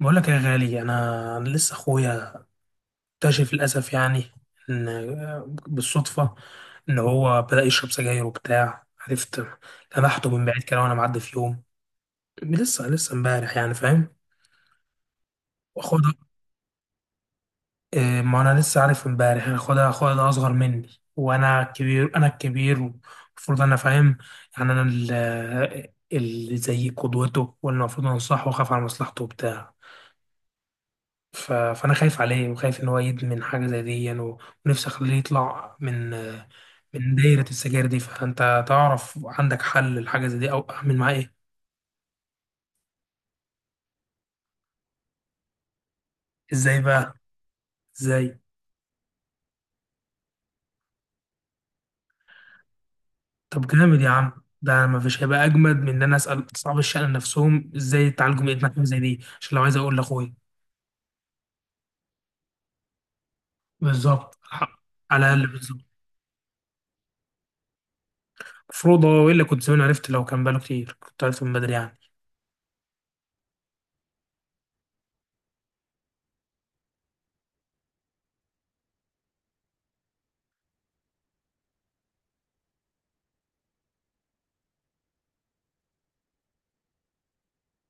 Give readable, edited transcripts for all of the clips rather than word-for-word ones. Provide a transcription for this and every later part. بقول لك يا غالي، أنا لسه اخويا اكتشف للاسف يعني ان بالصدفه ان هو بدا يشرب سجاير وبتاع، عرفت؟ لمحته من بعيد كده وانا معدي في يوم. لسه امبارح يعني، فاهم؟ واخويا ده- إيه، ما انا لسه عارف امبارح يعني. اخويا ده اصغر مني، وانا كبير، انا الكبير المفروض انا فاهم يعني. انا ال- آه، اللي زي قدوته، والمفروض انصحه واخاف على مصلحته وبتاع. فانا خايف عليه وخايف ان هو يدمن حاجه زي دي يعني. ونفسي اخليه يطلع من دايره السجاير دي. فانت تعرف، عندك حل لحاجه زي دي؟ او اعمل معاه ايه؟ ازاي بقى؟ ازاي؟ طب جامد يا عم، ده ما فيش هيبقى اجمد من ان انا اسال اصحاب الشأن نفسهم ازاي يتعالجوا من ادمان حاجه زي دي، عشان لو عايز اقول لاخويا بالظبط. الحق. على الاقل بالظبط. المفروض هو الا كنت زمان عرفت، لو كان باله كتير كنت عرفت من بدري يعني.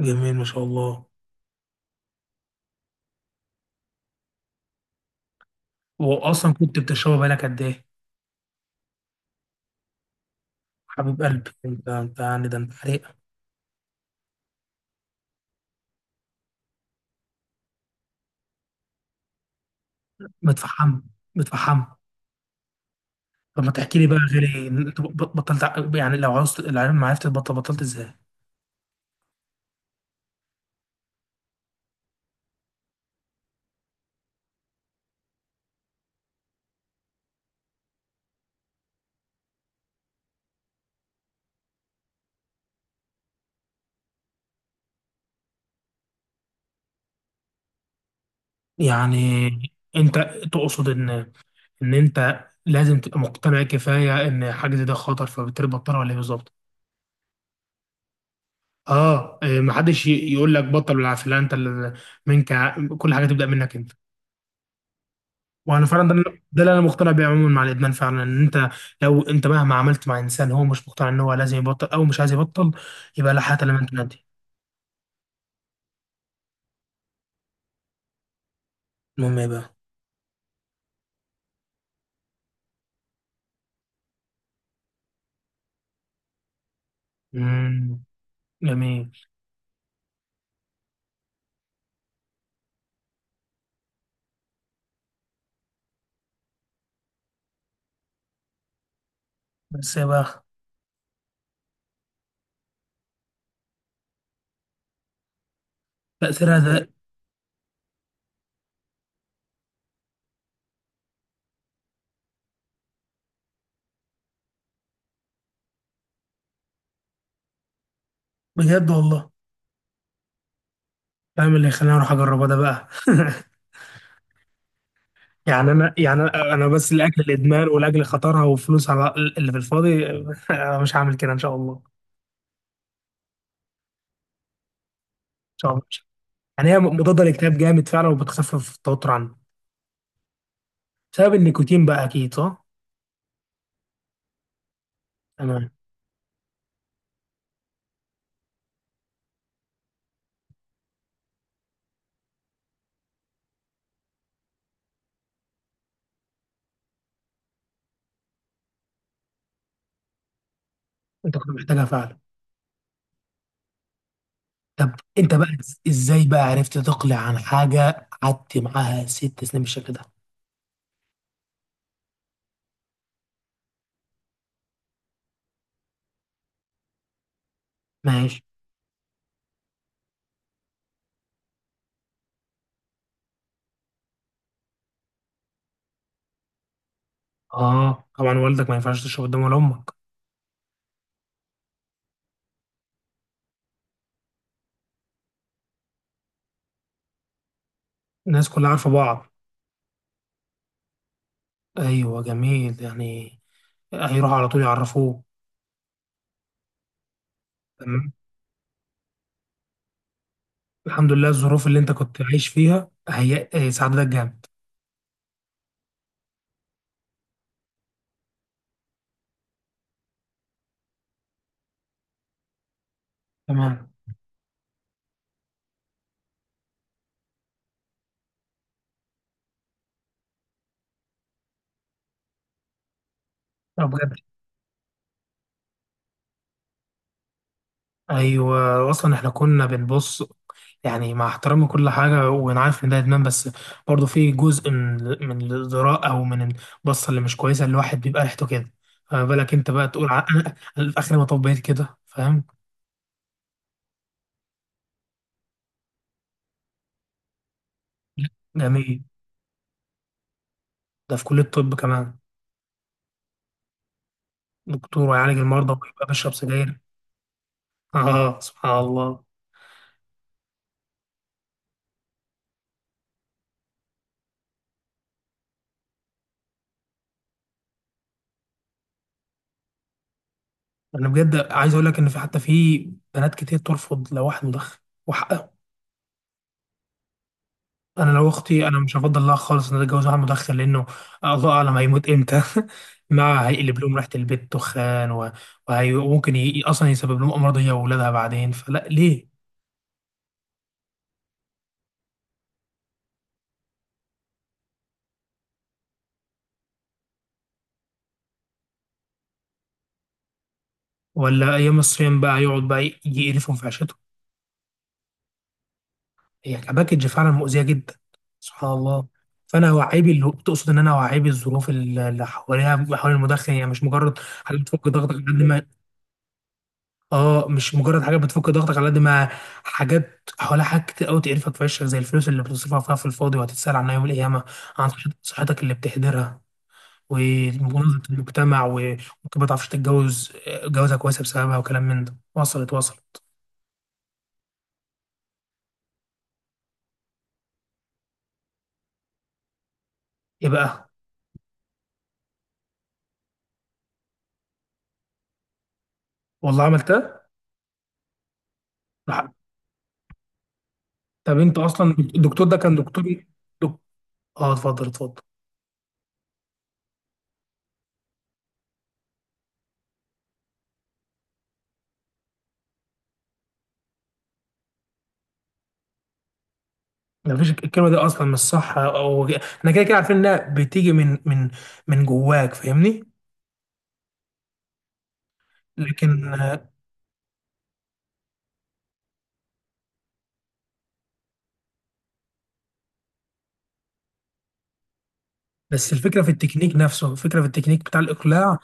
جميل، ما شاء الله. واصلا كنت بتشربه بقالك قد ايه؟ حبيب قلبي انت، انت يعني ده انت حريق! متفحم، متفحم. طب ما تحكي لي بقى غيري، يعني لو عاوز العلم، ما عرفت تبطل؟ بطلت ازاي؟ يعني انت تقصد ان انت لازم تبقى مقتنع كفايه ان حاجه زي ده خطر فبالتالي بطلها؟ ولا ايه بالظبط؟ اه إيه، ما حدش يقول لك بطل بالعافيه، لا انت اللي- كل حاجه تبدا منك انت. وانا فعلا ده اللي انا مقتنع بيه عموما مع الادمان فعلا. ان انت لو انت مهما عملت مع انسان هو مش مقتنع ان هو لازم يبطل او مش عايز يبطل، يبقى لا حياه لمن تنادي. المهم ايه بقى؟ امم. جميل. بس يا بقى. تاثيرها ده، بجد والله؟ فاهم اللي يخليني اروح اجربها ده بقى. يعني انا، أنا بس لاجل الادمان ولاجل خطرها والفلوس على اللي في الفاضي. أنا مش هعمل كده ان شاء الله، ان شاء الله. يعني هي مضاده للاكتئاب جامد فعلا وبتخفف التوتر عنه، بسبب النيكوتين بقى اكيد صح؟ تمام. انت كنت محتاجها فعلا. طب انت بقى ازاي بقى عرفت تقلع عن حاجه قعدت معاها 6 سنين بالشكل ده؟ ماشي. اه طبعا، والدك ما ينفعش تشرب قدام، ولا امك. الناس كلها عارفه بعض. ايوه جميل يعني، هيروحوا على طول يعرفوه. تمام. الحمد لله، الظروف اللي انت كنت عايش فيها هي، ساعدتك جامد. تمام. طب بجد. ايوه اصلا احنا كنا بنبص، يعني مع احترام كل حاجه وانا عارف ان ده ادمان، بس برضه في جزء من الذراء، او من البصه اللي مش كويسه. الواحد بيبقى ريحته كده. فما بالك انت بقى تقول، أنا في اخر ما طبيت كده، فاهم؟ جميل. ده في كليه الطب كمان. دكتور ويعالج المرضى ويبقى بيشرب سجاير؟ اه سبحان الله. انا بجد عايز اقول لك ان في، حتى في بنات كتير ترفض لو واحد مدخن. انا لو اختي انا مش هفضل لها خالص ان اتجوز واحد مدخن، لانه الله اعلم هيموت امتى. مع هيقلب لهم ريحه البيت دخان، وممكن اصلا يسبب لهم امراض، هي واولادها بعدين، فلا ليه. ولا ايام الصيام بقى يقعد بقى يقرفهم في عيشتهم. هي كباكج فعلا مؤذيه جدا. سبحان الله. فانا وعيبي اللي تقصد ان انا وعيبي الظروف اللي حواليها، حوالين المدخن يعني، مش مجرد حاجه بتفك ضغطك قد ما. اه، مش مجرد حاجات بتفك ضغطك على قد ما، حاجات حواليها حاجات كتير قوي تقرفك في عيشك، زي الفلوس اللي بتصرفها فيها في الفاضي وهتتسال عنها يوم القيامه، عن صحتك اللي بتهدرها، ومناظره المجتمع، وممكن ما تعرفش تتجوز جوازه كويسه بسببها، وكلام من ده. وصلت؟ وصلت. ايه بقى؟ والله عملتها. لا. طب انت اصلا الدكتور ده كان دكتور؟ دك- اه اتفضل، اتفضل. ما فيش الكلمه دي اصلا مش صح، او احنا كده كده عارفين انها بتيجي من من جواك، فاهمني؟ لكن بس الفكره في التكنيك نفسه، الفكره في التكنيك بتاع الاقلاع.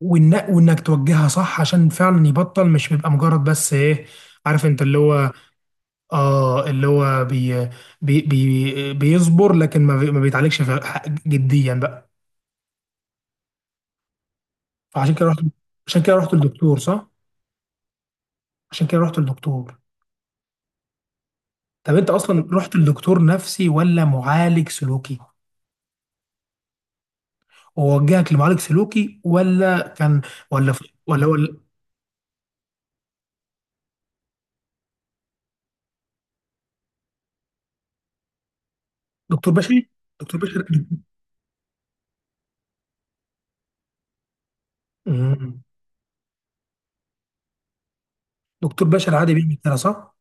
وانك توجهها صح عشان فعلا يبطل، مش بيبقى مجرد بس ايه، عارف انت اللي هو. اه اللي هو بيصبر، لكن ما، ما بيتعالجش في... جديا بقى. فعشان كده رحت. عشان كده رحت للدكتور صح؟ عشان كده رحت للدكتور. طب انت اصلا رحت للدكتور نفسي ولا معالج سلوكي؟ ووجهك لمعالج سلوكي ولا كان، ولا، ولا دكتور بشري. دكتور بشري. مم. دكتور بشري عادي بيعمل كده صح؟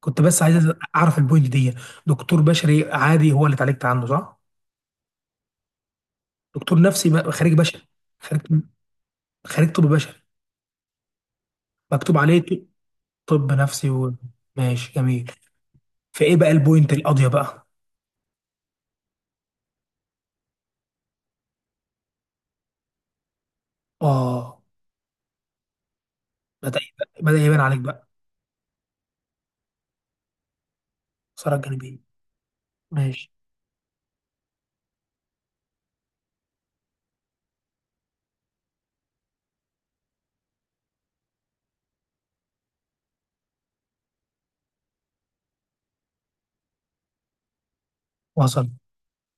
كنت بس عايز اعرف البوينت دي. دكتور بشري عادي هو اللي اتعالجت عنه صح؟ خريج بشري. خريج. خريج طب بشري. مكتوب عليه ط- طب نفسي ماشي، جميل. فايه بقى البوينت القاضية بقى؟ اه، بدأ يبان عليك بقى الثغرة الجانبية. ماشي. وصل.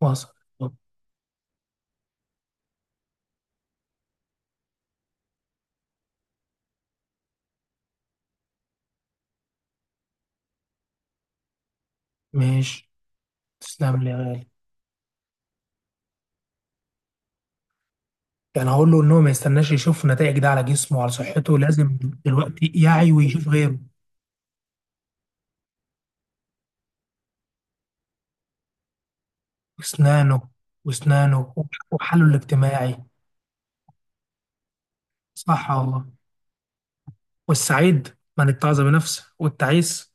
وصل. طب، ماشي. تسلم لي يا غالي. يعني هقول له ان هو ما يستناش يشوف نتائج ده على جسمه وعلى صحته، لازم دلوقتي يعي ويشوف غيره. وأسنانه. وأسنانه. وحاله الاجتماعي. صح والله. والسعيد من اتعظ بنفسه والتعيس...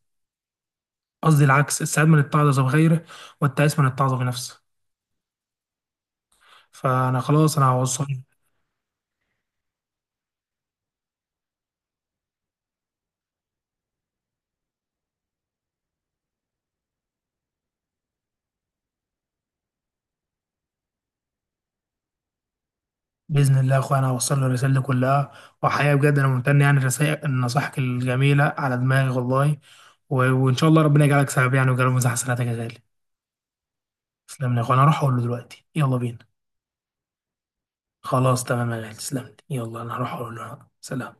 قصدي العكس، السعيد من اتعظ بغيره والتعيس من اتعظ بنفسه. فأنا خلاص أنا هوصل. بإذن الله يا أخويا، أنا هوصل له الرسالة دي كلها. وحقيقة بجد أنا ممتن يعني لرسائل نصائحك الجميلة على دماغي والله. وإن شاء الله ربنا يجعلك سبب يعني، ويجعله مزاح حسناتك يا غالي. تسلم لي يا أخويا، أنا هروح أقول له دلوقتي، يلا بينا. خلاص، تمام يا غالي، تسلم لي، يلا أنا هروح أقول له. سلام.